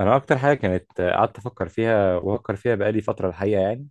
انا اكتر حاجه كانت قعدت افكر فيها وافكر فيها بقالي فتره الحقيقه يعني،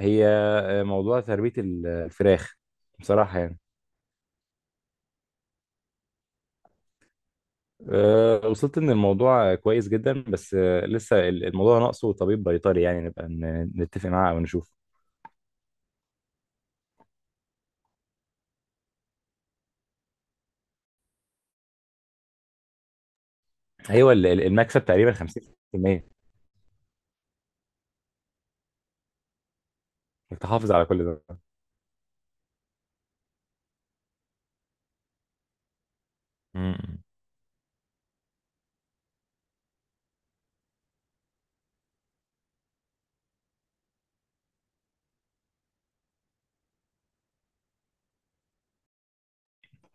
هي موضوع تربيه الفراخ بصراحه يعني. وصلت ان الموضوع كويس جدا، بس لسه الموضوع ناقصه طبيب بيطري، يعني نبقى نتفق معاه او نشوف. ايوه، المكسب تقريبا 50%. انك تحافظ على كل ده. مم.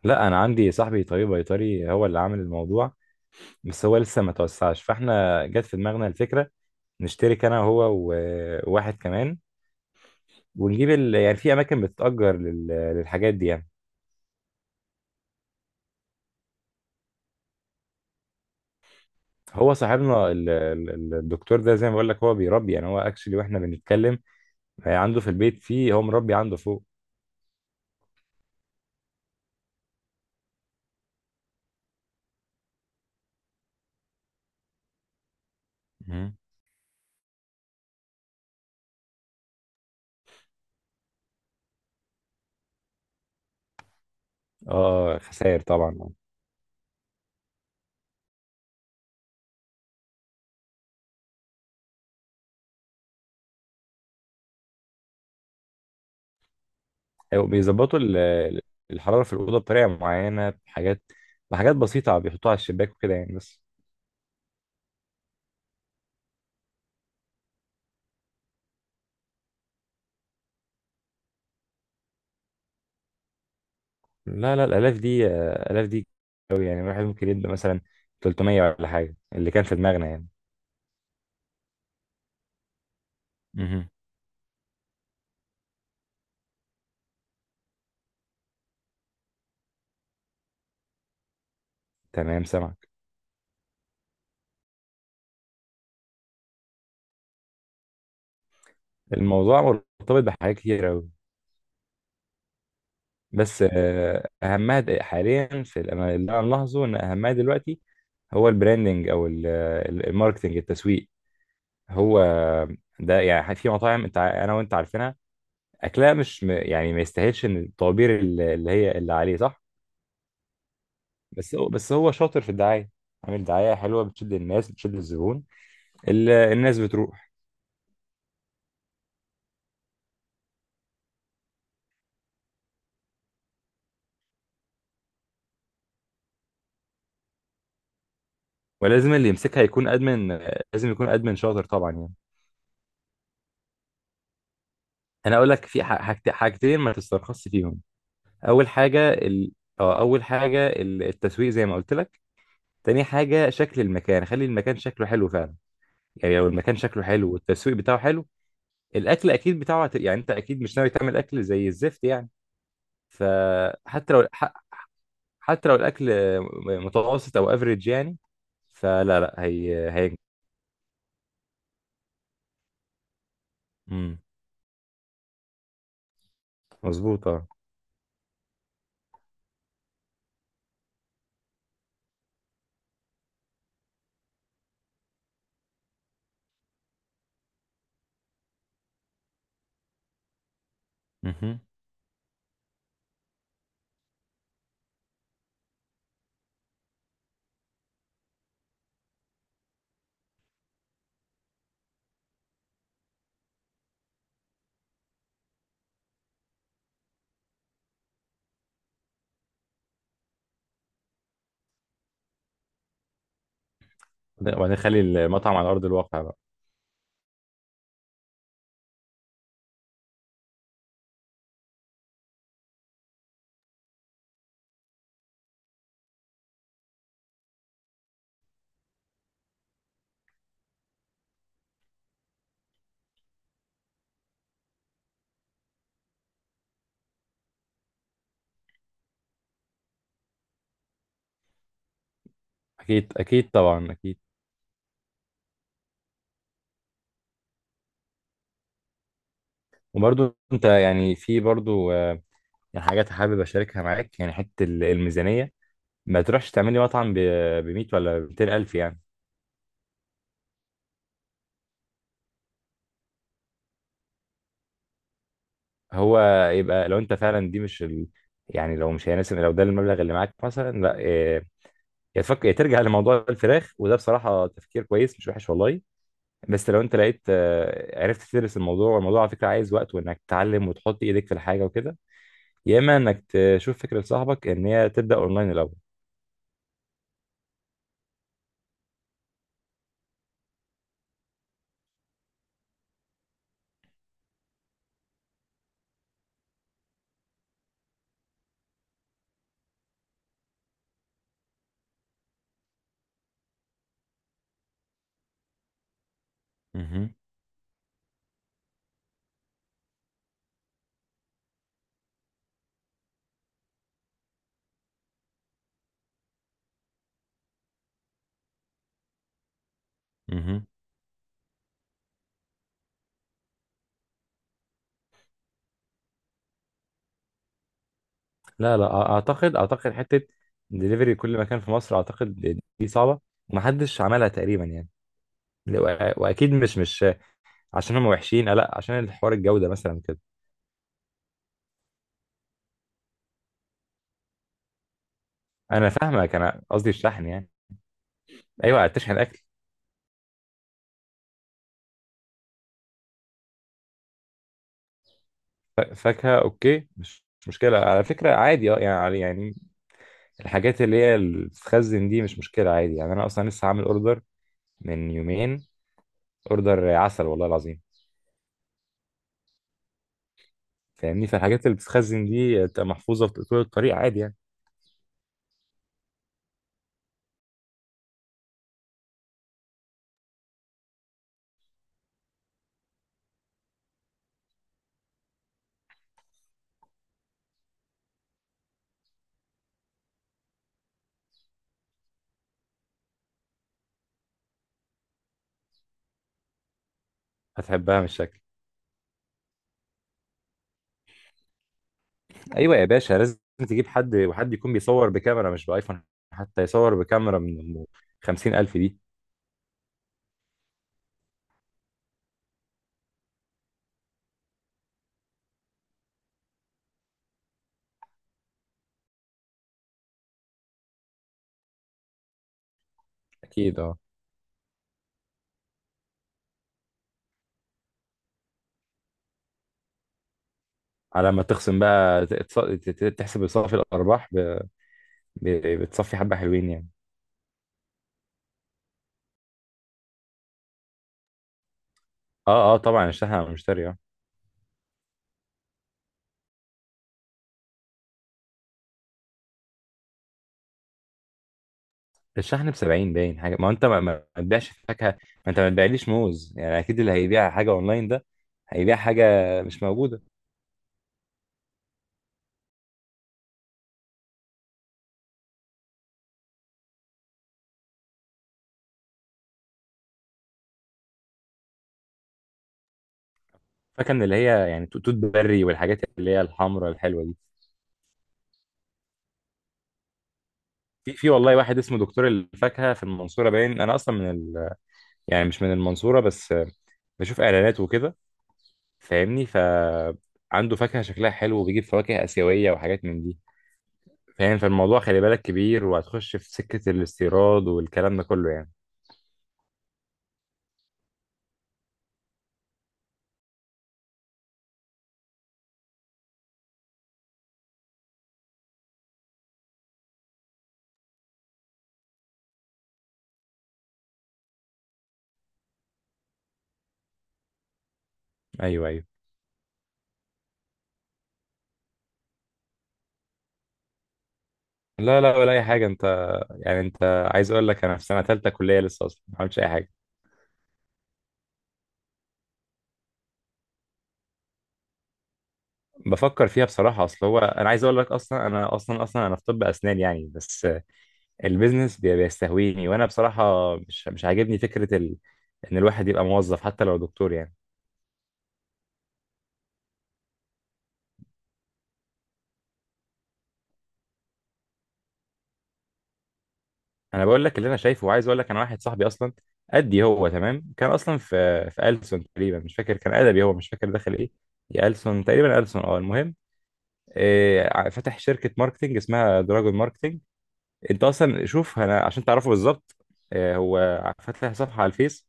لا، انا عندي صاحبي طبيب بيطري هو اللي عامل الموضوع، بس هو لسه ما توسعش، فاحنا جت في دماغنا الفكره نشترك انا وهو وواحد كمان، ونجيب يعني في اماكن بتتأجر للحاجات دي يعني. هو صاحبنا الدكتور ده زي ما بقول لك هو بيربي، يعني هو اكشلي واحنا بنتكلم عنده في البيت، هو مربي عنده فوق. مم. اه، خسائر طبعا. أيوة، بيظبطوا الحرارة في الأوضة بطريقة معينة، بحاجات بسيطة بيحطوها على الشباك وكده يعني بس. لا لا، الآلاف دي، آلاف دي أوي يعني. الواحد ممكن يبدأ مثلا 300 ولا حاجة، اللي كان في دماغنا يعني. مهم. تمام، سامعك. الموضوع مرتبط بحاجات كتير أوي، بس اهمها حاليا في أنا انا ملاحظه ان اهمها دلوقتي هو البراندنج، او الماركتنج، التسويق. هو ده يعني. في مطاعم، انت انا وانت عارفينها، اكلها مش م- يعني ما يستاهلش ان الطوابير اللي هي اللي عليه، صح. بس هو شاطر في الدعايه، عامل دعايه حلوه بتشد الناس بتشد الزبون. الناس بتروح. ولازم اللي يمسكها يكون ادمن، لازم يكون ادمن شاطر طبعا يعني. انا اقول لك في حاجتين ما تسترخصش فيهم. اول حاجه ال... اه اول حاجه التسويق زي ما قلت لك. تاني حاجه شكل المكان، خلي المكان شكله حلو فعلا، يعني لو المكان شكله حلو والتسويق بتاعه حلو. الاكل اكيد بتاعه يعني انت اكيد مش ناوي تعمل اكل زي الزفت يعني. فحتى لو حتى لو الاكل متوسط او افريج يعني، فلا لا، هي هي. امم، مظبوط اه. مهم. وبعدين خلي المطعم على ارض الواقع بقى. اكيد اكيد، طبعا اكيد. وبرضو انت يعني، في برضو يعني حاجات حابب اشاركها معاك، يعني حته الميزانيه، ما تروحش تعملي مطعم ب 100 ولا 200 الف يعني. هو يبقى لو انت فعلا دي مش يعني، لو مش هيناسب، لو ده المبلغ اللي معاك مثلا، لا يا تفكر يا ترجع لموضوع الفراخ، وده بصراحه تفكير كويس، مش وحش والله. بس لو انت لقيت، عرفت تدرس الموضوع، والموضوع على فكره عايز وقت، وانك تتعلم وتحط ايدك في الحاجه وكده، يا اما انك تشوف فكره صاحبك ان هي تبدا اونلاين الاول. مهم. مهم. لا لا، اعتقد حته دليفري كل مكان في مصر، اعتقد دي صعبه، ومحدش عملها تقريبا يعني. لا، واكيد مش عشان هم وحشين، لا، عشان الحوار الجوده مثلا كده. انا فاهمك، انا قصدي الشحن يعني. ايوه، تشحن اكل. فاكهه اوكي، مش مشكله على فكره، عادي اه، يعني الحاجات اللي هي اللي بتتخزن دي مش مشكله، عادي يعني. انا اصلا لسه عامل اوردر من يومين، اوردر عسل والله العظيم. فاهمني، فالحاجات اللي بتتخزن دي بتبقى محفوظه في طول الطريق عادي يعني. هتحبها من الشكل. ايوه يا باشا، لازم تجيب حد، وحد يكون بيصور بكاميرا مش بايفون، حتى يصور بكاميرا من 50,000 دي. اكيد اه. على ما تخصم بقى تحسب صافي الارباح، بتصفي حبه حلوين يعني. اه اه، طبعا الشحن على المشتري اه. الشحن ب 70 باين حاجه، ما هو انت ما تبيعش فاكهه، ما انت ما تبيعليش موز يعني، اكيد اللي هيبيع حاجه اونلاين ده هيبيع حاجه مش موجوده. فاكهه من اللي هي يعني، توت بري، والحاجات اللي هي الحمراء الحلوه دي. في والله واحد اسمه دكتور الفاكهه في المنصوره باين، انا اصلا من، يعني مش من المنصورة، بس بشوف إعلانات وكده. فاهمني، فعنده فاكهة شكلها حلو، وبيجيب فواكه آسيوية وحاجات من دي. فاهم، فالموضوع خلي بالك كبير، وهتخش في سكة الاستيراد والكلام ده كله يعني. أيوه أيوه. لا لا، ولا أي حاجة. أنت يعني، أنت عايز أقول لك، أنا في سنة تالتة كلية، لسه أصلا ما عملتش أي حاجة، بفكر فيها بصراحة. أصل هو، أنا عايز أقول لك، أصلا أنا أصلا أنا في طب أسنان يعني، بس البيزنس بيستهويني، وأنا بصراحة مش عاجبني فكرة إن الواحد يبقى موظف، حتى لو دكتور يعني. انا بقول لك اللي انا شايفه، وعايز اقول لك، انا واحد صاحبي اصلا قدي هو تمام، كان اصلا في ألسن تقريبا، مش فاكر، كان ادبي، هو مش فاكر دخل ايه، يا ألسن تقريبا، ألسن اه، المهم إيه، فتح شركه ماركتنج اسمها دراجون ماركتنج. انت اصلا شوف، انا عشان تعرفه بالظبط، إيه، هو فاتح صفحه على الفيس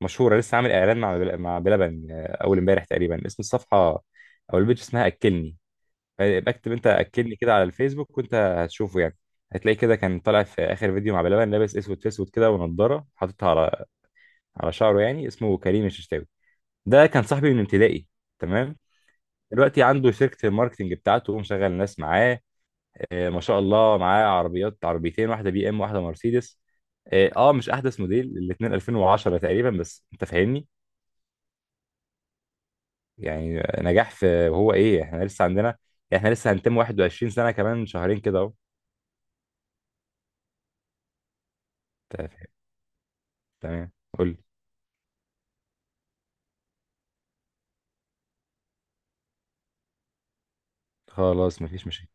مشهوره، لسه عامل اعلان مع مع بلبن اول امبارح تقريبا. اسم الصفحه او البيج اسمها اكلني، فيبقى اكتب انت اكدني كده على الفيسبوك وانت هتشوفه يعني. هتلاقي كده كان طالع في اخر فيديو مع بلبن، لابس اسود في اسود كده، ونضاره حاططها على شعره يعني، اسمه كريم الششتاوي، ده كان صاحبي من ابتدائي. تمام. دلوقتي عنده شركة الماركتنج بتاعته، ومشغل ناس معاه، آه ما شاء الله، معاه عربيات عربيتين، واحدة بي ام واحدة مرسيدس. اه مش احدث موديل، الاتنين 2010 تقريبا، بس انت فاهمني. يعني نجاح. في وهو ايه، احنا لسه هنتم 21 سنة كمان شهرين كده اهو. أنت فاهم؟ تمام. قول. خلاص مفيش مشاكل.